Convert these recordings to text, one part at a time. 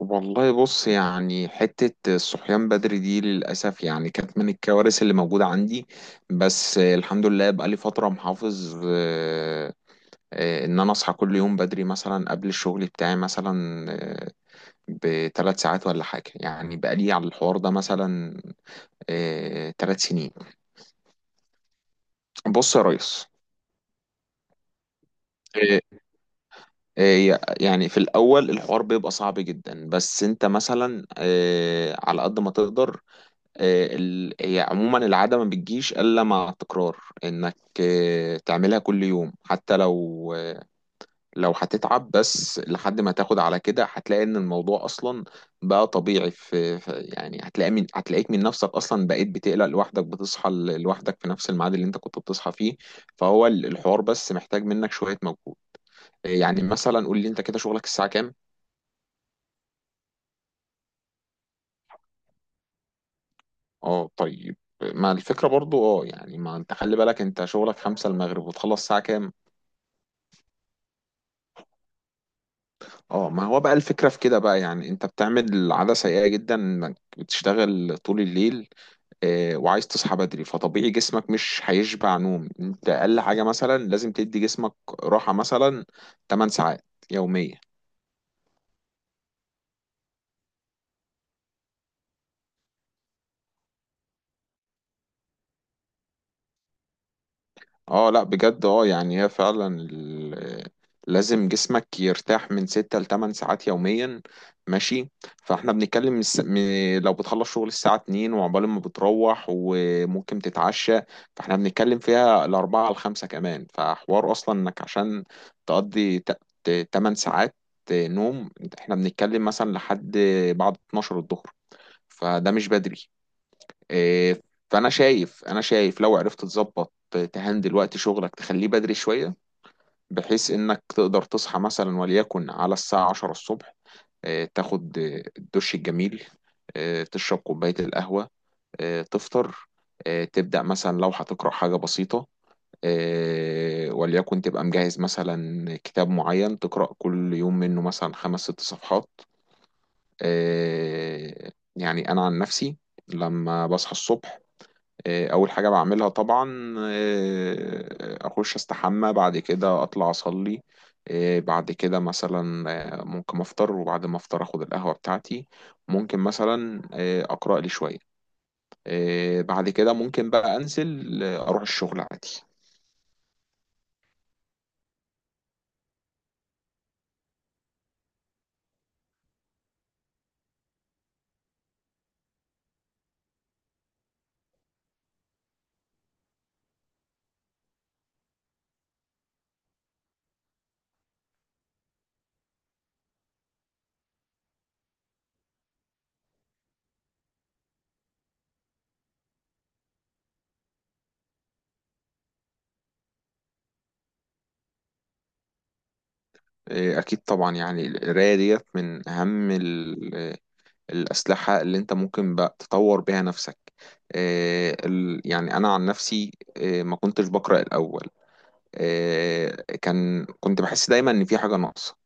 والله بص، يعني حتة الصحيان بدري دي للأسف يعني كانت من الكوارث اللي موجودة عندي. بس الحمد لله بقالي فترة محافظ، إن أنا أصحى كل يوم بدري، مثلا قبل الشغل بتاعي مثلا آه، بثلاث ساعات ولا حاجة. يعني بقالي على الحوار ده مثلا ثلاث سنين. بص يا ريس، آه، يعني في الأول الحوار بيبقى صعب جدا، بس أنت مثلا على قد ما تقدر. هي عموما العادة ما بتجيش إلا مع التكرار، إنك تعملها كل يوم، حتى لو لو هتتعب، بس لحد ما تاخد على كده هتلاقي إن الموضوع أصلا بقى طبيعي. يعني هتلاقيك من نفسك أصلا بقيت بتقلق لوحدك، بتصحى لوحدك في نفس الميعاد اللي أنت كنت بتصحى فيه. فهو الحوار بس محتاج منك شوية مجهود. يعني مثلا قول لي، أنت كده شغلك الساعة كام؟ أه طيب، ما الفكرة برضو، اه يعني ما انت خلي بالك، انت شغلك خمسة المغرب، وتخلص الساعة كام؟ اه ما هو بقى الفكرة في كده بقى، يعني انت بتعمل عادة سيئة جدا، انك بتشتغل طول الليل وعايز تصحى بدري. فطبيعي جسمك مش هيشبع نوم. انت اقل حاجة مثلا لازم تدي جسمك راحة، مثلا 8 ساعات يومية. اه لا بجد، اه يعني هي فعلا لازم جسمك يرتاح من ستة لتمن ساعات يوميا، ماشي؟ فاحنا بنتكلم لو بتخلص شغل الساعة اتنين، وعقبال ما بتروح وممكن تتعشى، فاحنا بنتكلم فيها الأربعة لخمسة كمان. فحوار أصلا إنك عشان تقضي تمن ساعات نوم، احنا بنتكلم مثلا لحد بعد 12 الظهر، فده مش بدري. إيه، فانا شايف، انا شايف لو عرفت تظبط، تهندل وقت شغلك، تخليه بدري شويه، بحيث انك تقدر تصحى مثلا وليكن على الساعه 10 الصبح. تاخد الدش الجميل، تشرب كوبايه القهوه، تفطر، تبدا مثلا لو هتقرا حاجه بسيطه، وليكن تبقى مجهز مثلا كتاب معين تقرا كل يوم منه مثلا خمس ست صفحات. إيه، يعني انا عن نفسي لما بصحى الصبح، اول حاجه بعملها طبعا اخش استحمى، بعد كده اطلع اصلي، بعد كده مثلا ممكن افطر، وبعد ما افطر اخد القهوه بتاعتي، ممكن مثلا اقرا لي شويه، بعد كده ممكن بقى انزل اروح الشغل عادي. اكيد طبعا، يعني القرايه ديت من اهم الاسلحه اللي انت ممكن بقى تطور بيها نفسك. يعني انا عن نفسي ما كنتش بقرا الاول. آه، كان كنت بحس دايما ان في حاجة ناقصة،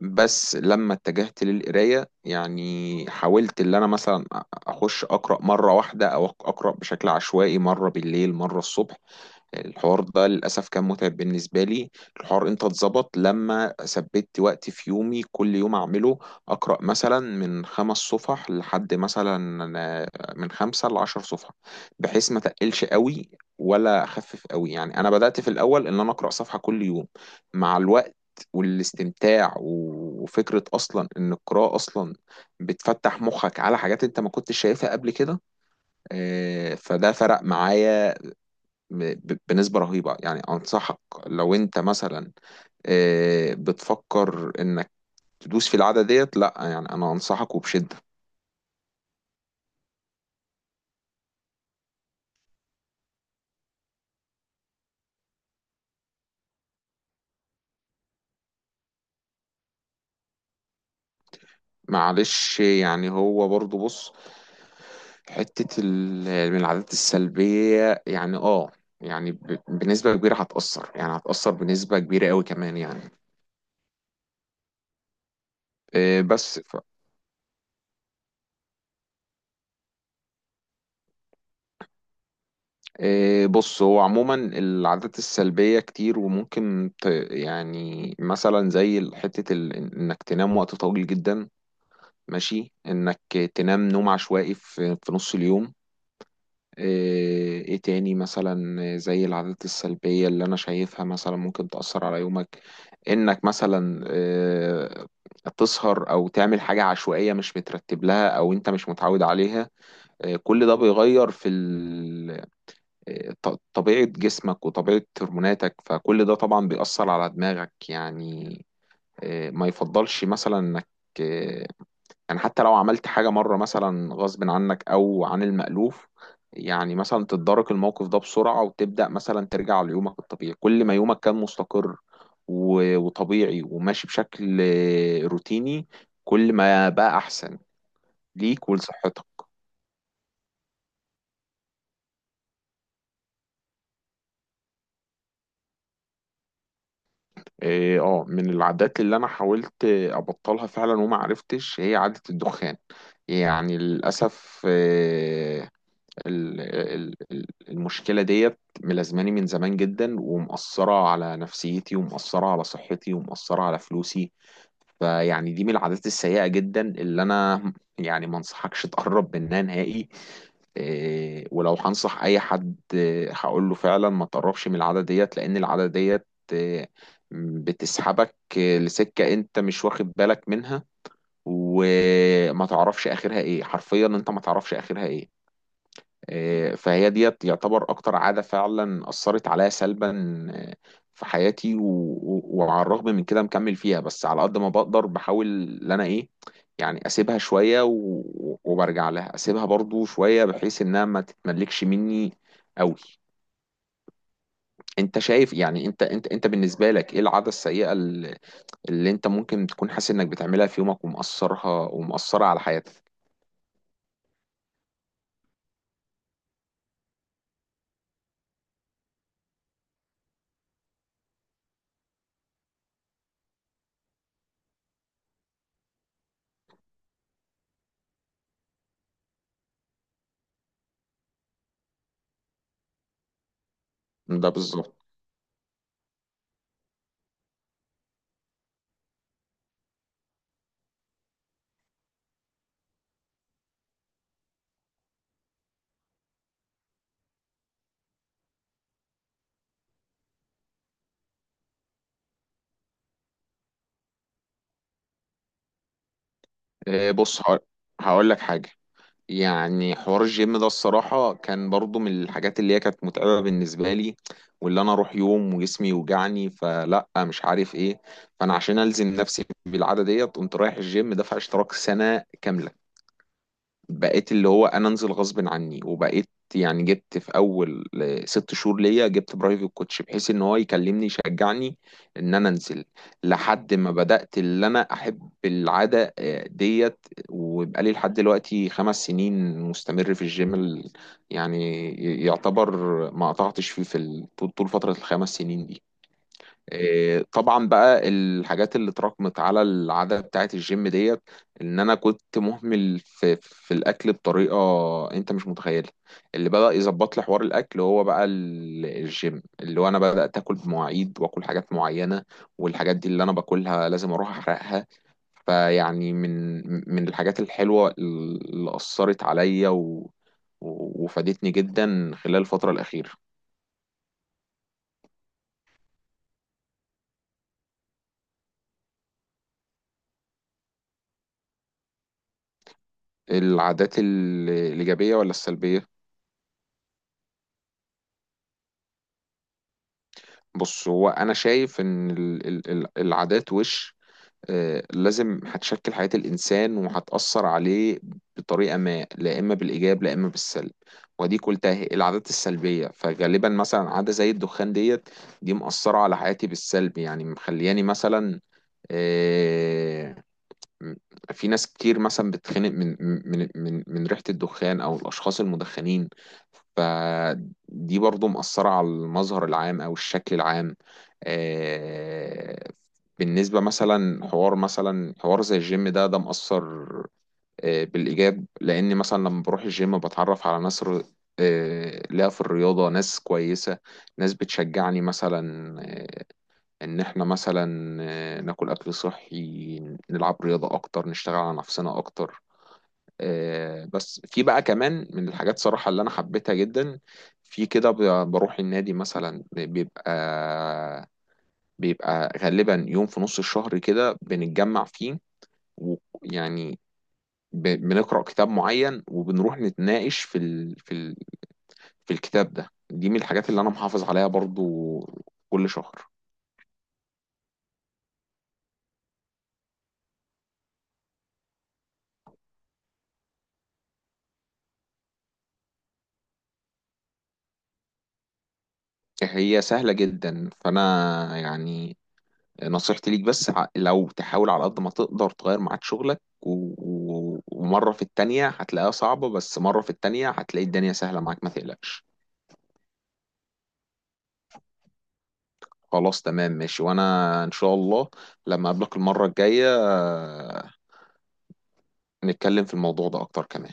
بس لما اتجهت للقراية، يعني حاولت اللي انا مثلا اخش اقرأ مرة واحدة، او اقرأ بشكل عشوائي، مرة بالليل مرة الصبح. الحوار ده للأسف كان متعب بالنسبة لي. الحوار امتى اتظبط؟ لما ثبت وقت في يومي كل يوم أعمله. أقرأ مثلا من خمس صفح لحد مثلا آه، من خمسة لعشر صفحة، بحيث ما تقلش قوي ولا أخفف قوي. يعني أنا بدأت في الأول إن أنا أقرأ صفحة كل يوم، مع الوقت والاستمتاع، وفكرة أصلا إن القراءة أصلا بتفتح مخك على حاجات أنت ما كنتش شايفها قبل كده. فده فرق معايا بنسبة رهيبة. يعني أنصحك لو أنت مثلا بتفكر إنك تدوس في العادة ديت، لأ، يعني أنا أنصحك وبشدة. معلش، يعني هو برضو بص، حتة من العادات السلبية، يعني اه، يعني بنسبة كبيرة هتأثر، يعني هتأثر بنسبة كبيرة قوي كمان يعني. آه، بس ف... بص، هو عموما العادات السلبية كتير، وممكن ت... يعني مثلا زي حتة ال... انك تنام وقت طويل جدا، ماشي، انك تنام نوم عشوائي في نص اليوم. ايه إيه تاني؟ مثلا زي العادات السلبية اللي انا شايفها مثلا ممكن تأثر على يومك، انك مثلا إيه، تسهر او تعمل حاجة عشوائية مش مترتب لها، او انت مش متعود عليها. إيه، كل ده بيغير في طبيعة جسمك وطبيعة هرموناتك، فكل ده طبعا بيأثر على دماغك يعني. إيه، ما يفضلش مثلا انك آه، يعني حتى لو عملت حاجة مرة مثلا غصب عنك أو عن المألوف، يعني مثلا تتدارك الموقف ده بسرعة، وتبدأ مثلا ترجع ليومك الطبيعي. كل ما يومك كان مستقر وطبيعي وماشي بشكل روتيني، كل ما بقى أحسن ليك ولصحتك. اه، من العادات اللي انا حاولت ابطلها فعلا وما عرفتش، هي عادة الدخان. يعني للأسف، المشكلة ديت ملازماني من زمان جدا، ومأثرة على نفسيتي، ومأثرة على صحتي، ومأثرة على فلوسي. فيعني دي من العادات السيئة جدا اللي أنا يعني ما انصحكش تقرب منها نهائي. ولو هنصح أي حد هقول له فعلا ما تقربش من العادة ديت، لأن العادة ديت إيه، بتسحبك لسكة أنت مش واخد بالك منها، وما تعرفش آخرها إيه. حرفيا أنت ما تعرفش آخرها إيه. فهي ديت يعتبر اكتر عادة فعلا اثرت عليا سلبا آه، في حياتي. وعلى الرغم من كده مكمل فيها، بس على قد ما بقدر بحاول ان انا ايه، يعني اسيبها شوية وبرجع لها، اسيبها برضو شوية بحيث انها ما تتملكش مني قوي. انت شايف، يعني انت بالنسبة لك ايه العادة السيئة اللي انت ممكن تكون حاسس انك بتعملها في يومك، ومأثرها ومأثرة على حياتك؟ ده بالظبط. بص، هقول لك حاجة، يعني حوار الجيم ده الصراحة كان برضو من الحاجات اللي هي كانت متعبة بالنسبة لي، واللي أنا أروح يوم وجسمي يوجعني فلأ مش عارف إيه. فأنا عشان ألزم نفسي بالعادة ديت قمت رايح الجيم دافع اشتراك سنة كاملة. بقيت اللي هو انا انزل غصب عني، وبقيت يعني جبت في اول ست شهور ليا جبت برايفت كوتش، بحيث ان هو يكلمني يشجعني ان انا انزل، لحد ما بدأت اللي انا احب العادة ديت. وبقى لي لحد دلوقتي خمس سنين مستمر في الجيم. يعني يعتبر ما قطعتش فيه في طول فترة الخمس سنين دي. طبعا بقى الحاجات اللي اتراكمت على العادة بتاعت الجيم ديت، ان انا كنت مهمل في الاكل بطريقة انت مش متخيلها. اللي بدأ يظبط لي حوار الاكل هو بقى الجيم، اللي هو انا بدأت اكل بمواعيد واكل حاجات معينة، والحاجات دي اللي انا باكلها لازم اروح احرقها. فيعني من من الحاجات الحلوة اللي أثرت عليا و وفادتني جدا خلال الفترة الأخيرة. العادات الإيجابية ولا السلبية؟ بص، هو انا شايف ان العادات وش لازم هتشكل حياة الانسان وهتأثر عليه بطريقة ما، لا اما بالايجاب لا اما بالسلب. ودي قلتها، هي العادات السلبية فغالبا، مثلا عادة زي الدخان ديت، دي مأثرة على حياتي بالسلب، يعني مخلياني مثلا آه، م- في ناس كتير مثلا بتتخنق من من ريحة الدخان او الاشخاص المدخنين، فدي برضو مأثرة على المظهر العام او الشكل العام. آه، بالنسبة مثلا حوار زي الجيم ده، ده مأثر بالإيجاب، لأن مثلا لما بروح الجيم بتعرف على ناس ر- آه، ليها في الرياضة، ناس كويسة، ناس بتشجعني مثلا ان احنا مثلا ناكل اكل صحي، نلعب رياضة اكتر، نشتغل على نفسنا اكتر. بس في بقى كمان من الحاجات صراحة اللي انا حبيتها جدا في كده، بروح النادي مثلا، بيبقى غالبا يوم في نص الشهر كده بنتجمع فيه، ويعني بنقرأ كتاب معين، وبنروح نتناقش في الكتاب ده. دي من الحاجات اللي انا محافظ عليها برضو كل شهر. هي سهلة جدا، فأنا يعني نصيحتي ليك بس لو تحاول على قد ما تقدر تغير ميعاد شغلك، ومرة في التانية هتلاقيها صعبة، بس مرة في التانية هتلاقي الدنيا سهلة معاك، ما تقلقش. خلاص تمام ماشي، وانا ان شاء الله لما اقابلك المرة الجاية نتكلم في الموضوع ده اكتر كمان.